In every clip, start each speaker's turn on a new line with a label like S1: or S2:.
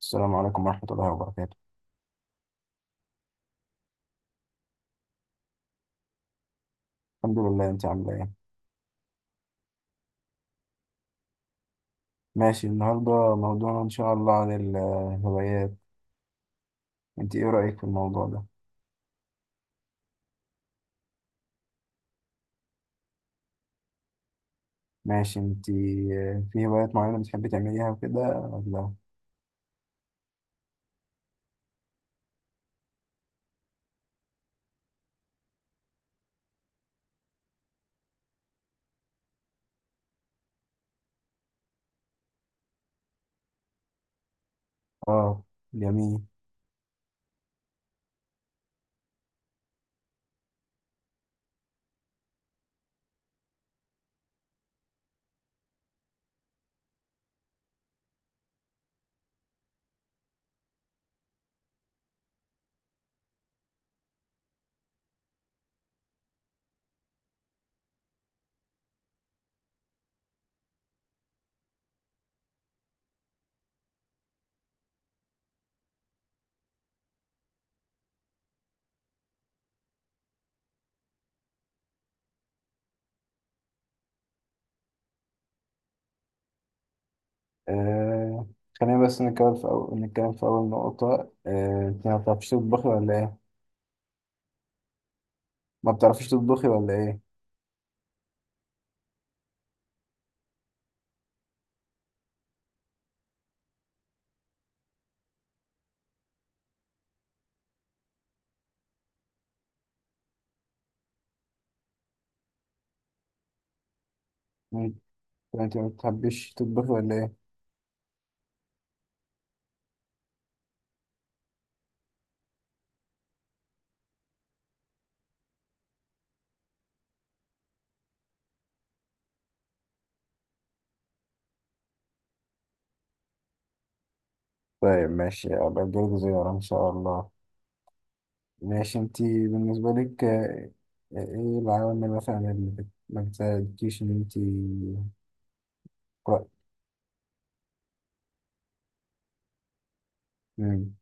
S1: السلام عليكم ورحمة الله وبركاته. الحمد لله، انت عاملة ايه؟ ماشي، النهاردة موضوعنا ان شاء الله عن الهوايات. انت ايه رأيك في الموضوع ده؟ ماشي، انت في هوايات معينة بتحبي تعمليها وكده ولا؟ اه، جميل. آه. خلينا بس نتكلم في أول نقطة. آه. انت ما بتعرفيش تطبخي ولا ايه؟ ما بتعرفيش تطبخي ولا ايه؟ انت انت ما بتحبيش تطبخي ولا ايه؟ طيب ماشي، أبقى أجيلك زيارة إن شاء الله. ماشي، انت بالنسبة لك ايه العوامل مثلا اللي ما بتساعدكيش ان انت تقرأي؟ مم.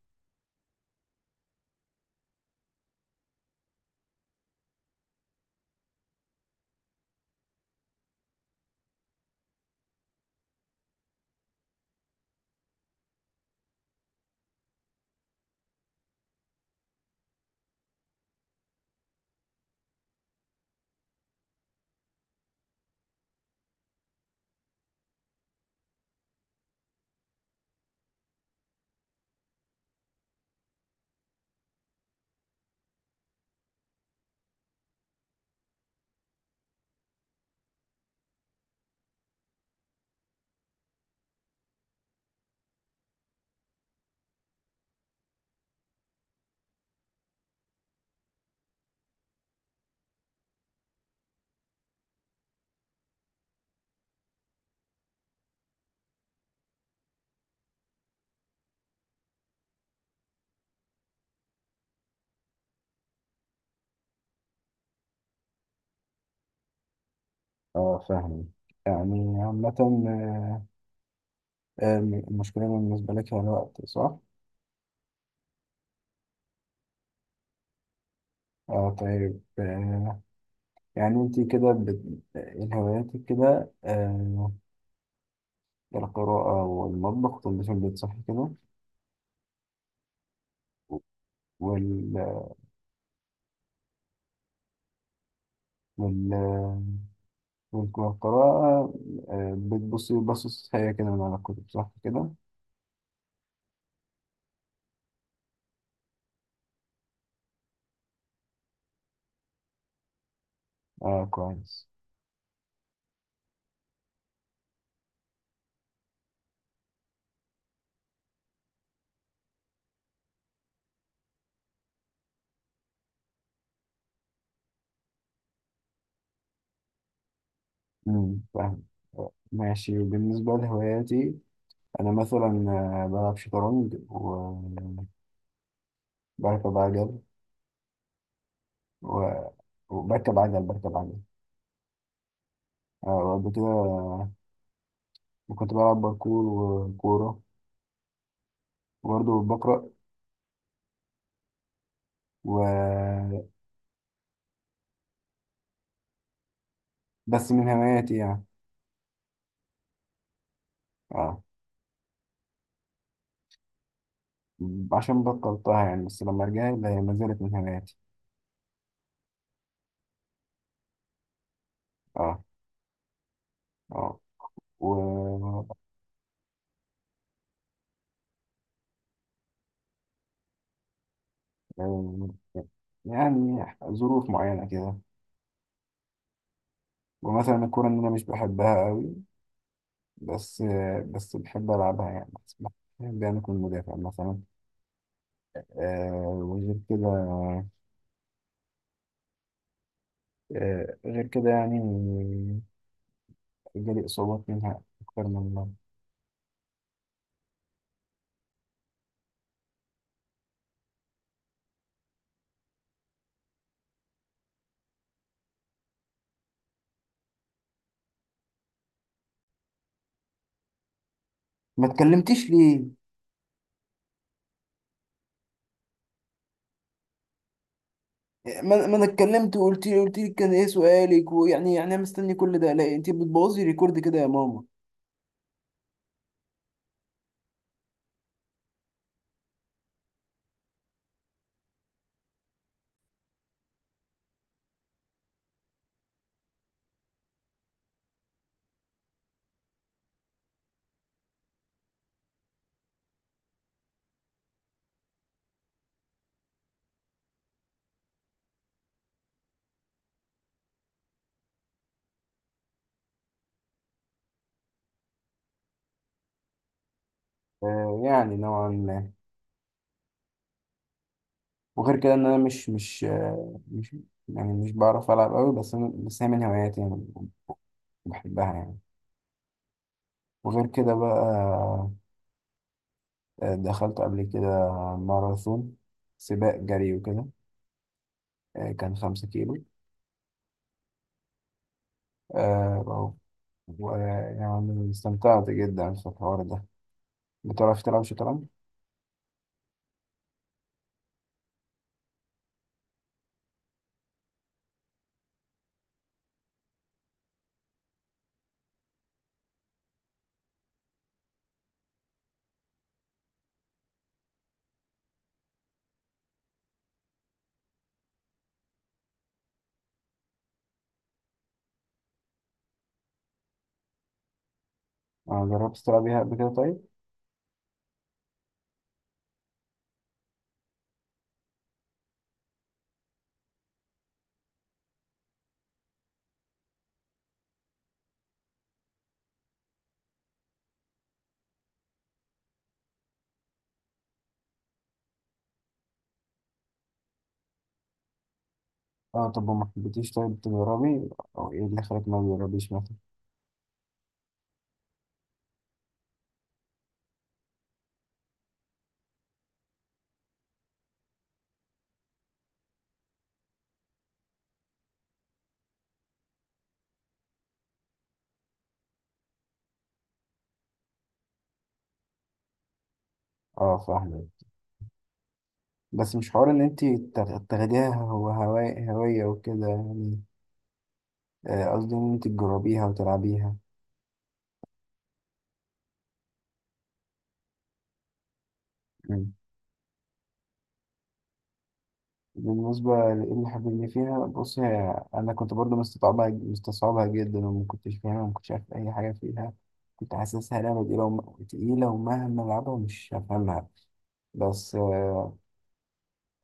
S1: اه، فاهم. يعني عامة المشكلة بالنسبة لك هي الوقت، صح؟ اه، طيب يعني انت كده إيه هواياتك كده؟ القراءة والمطبخ، تنظيف البيت، صح كده؟ وال... وال... والقراءة، بتبصي بصص هي كده من على الكتب، صح كده؟ اه، كويس. فاهم. ماشي، بالنسبة لهواياتي، أنا مثلا بلعب شطرنج وبركب عجل. و... وبركب عجل. وقبل كده كنت بلعب باركور وكورة وبرضه بقرأ. و... بس من هواياتي يعني. اه، عشان بطلتها يعني، بس لما رجعت هي ما زالت من هواياتي. اه. اه. و آه، يعني ظروف معينة كده، ومثلا الكورة إن أنا مش بحبها قوي، بس بحب ألعبها يعني، بس بحب يعني أكون مدافع مثلا. آه وغير كده غير كده يعني جالي إصابات منها أكتر من مرة. ما اتكلمتيش ليه؟ ما أنا اتكلمت، وقلت لي كان إيه سؤالك؟ ويعني أنا مستني كل ده؟ لا، أنت بتبوظي ريكورد كده يا ماما. آه، يعني نوعا ما. وغير كده إن أنا مش مش آه مش يعني مش بعرف ألعب قوي، بس هي من هواياتي يعني، بحبها يعني. وغير كده بقى دخلت قبل كده ماراثون، سباق جري وكده. كان 5 كيلو. آه، و- ويعني استمتعت جدا في الحوار ده. بتعرف تلعب شطرنج؟ جربت تلعبيها قبل كده طيب؟ اه، طب وما حبيتيش طيب تجربي؟ او ايه اللي خلاك ما تجربيش مثلا؟ اه، فاهمة. بس مش حوار ان انت تاخديها، هو هواية هواية وكده يعني. قصدي ان انت تجربيها وتلعبيها. بالنسبة لإيه الحاجة اللي فيها؟ بص، هي أنا كنت برضو مستصعبها مستصعبها جدا، وما كنتش فاهمها وما كنتش عارف أي حاجة فيها. كنت حاسسها لعبة تقيلة تقيلة، ومهما ألعبها مش هفهمها. بس آه،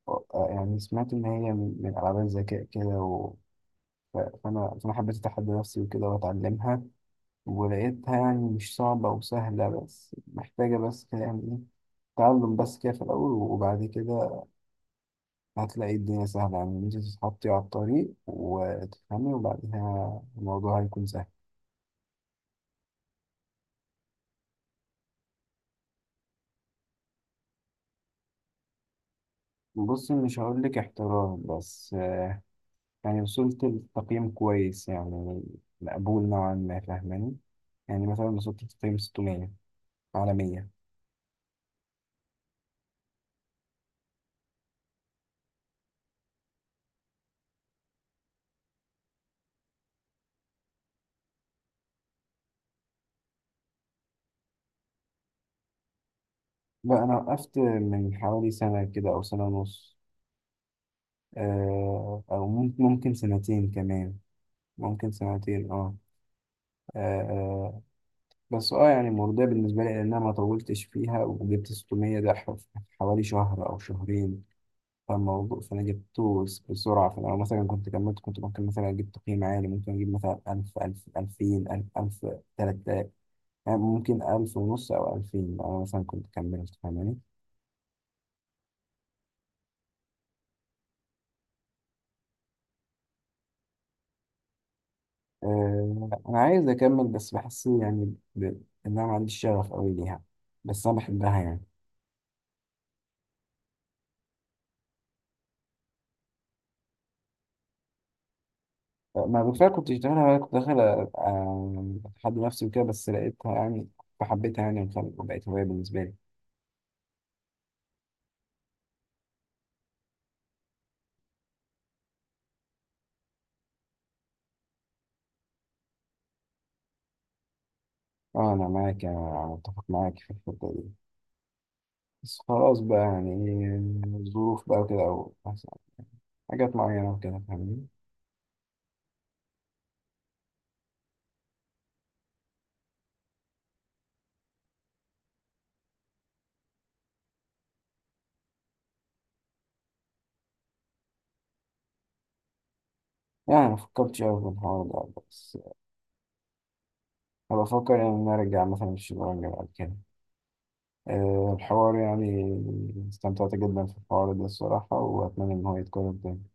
S1: آه، يعني سمعت إن هي من ألعاب الذكاء كده. و... ف- فأنا فأنا حبيت أتحدى نفسي وكده وأتعلمها، ولقيتها يعني مش صعبة وسهلة، بس محتاجة بس كده يعني إيه، تعلم بس كده في الأول. وبعد كده هتلاقي الدنيا سهلة، يعني إن أنت تتحطي على الطريق وتفهمي وبعدها الموضوع هيكون سهل. بص، مش هقولك احترام، بس يعني وصلت لتقييم كويس يعني، مقبول نوعا ما، فاهماني؟ يعني مثلا وصلت لتقييم 600 على 100. لا، أنا وقفت من حوالي سنة كده أو سنة ونص. أو ممكن سنتين كمان، ممكن سنتين. اه، آه، بس اه يعني مرضية بالنسبة لي، لأن أنا ما طولتش فيها وجبت 600 ده في حوالي شهر أو شهرين. فأنا جبته بسرعة. فلو مثلا كنت كملت، كنت ممكن مثلا أجيب تقييم عالي، ممكن أجيب مثلا ألف، ألف، ألفين، ألف، ألف، 3000، يعني ممكن 1500 أو 2000 لو أنا مثلا كنت كملت، فاهماني؟ آه، أنا عايز أكمل بس بحس يعني إن أنا ما عنديش شغف أوي ليها، بس أنا بحبها يعني. ما بالفعل كنت بتعملها، وأنا كنت داخل أتحدى نفسي وكده، بس لقيتها يعني فحبيتها يعني وبقت هواية بالنسبة لي. اه، أنا معاك، أنا متفق معاك في الحتة دي. بس خلاص بقى، يعني إيه، الظروف بقى وكده، أو مثلا حاجات معينة وكده، فاهمني؟ يعني ما فكرتش أوي في الحوار ده، بس أنا بفكر يعني إن أنا أرجع مثلا الشطرنج بعد كده. الحوار يعني استمتعت جدا في الحوار ده الصراحة، وأتمنى إن هو يتكرر تاني.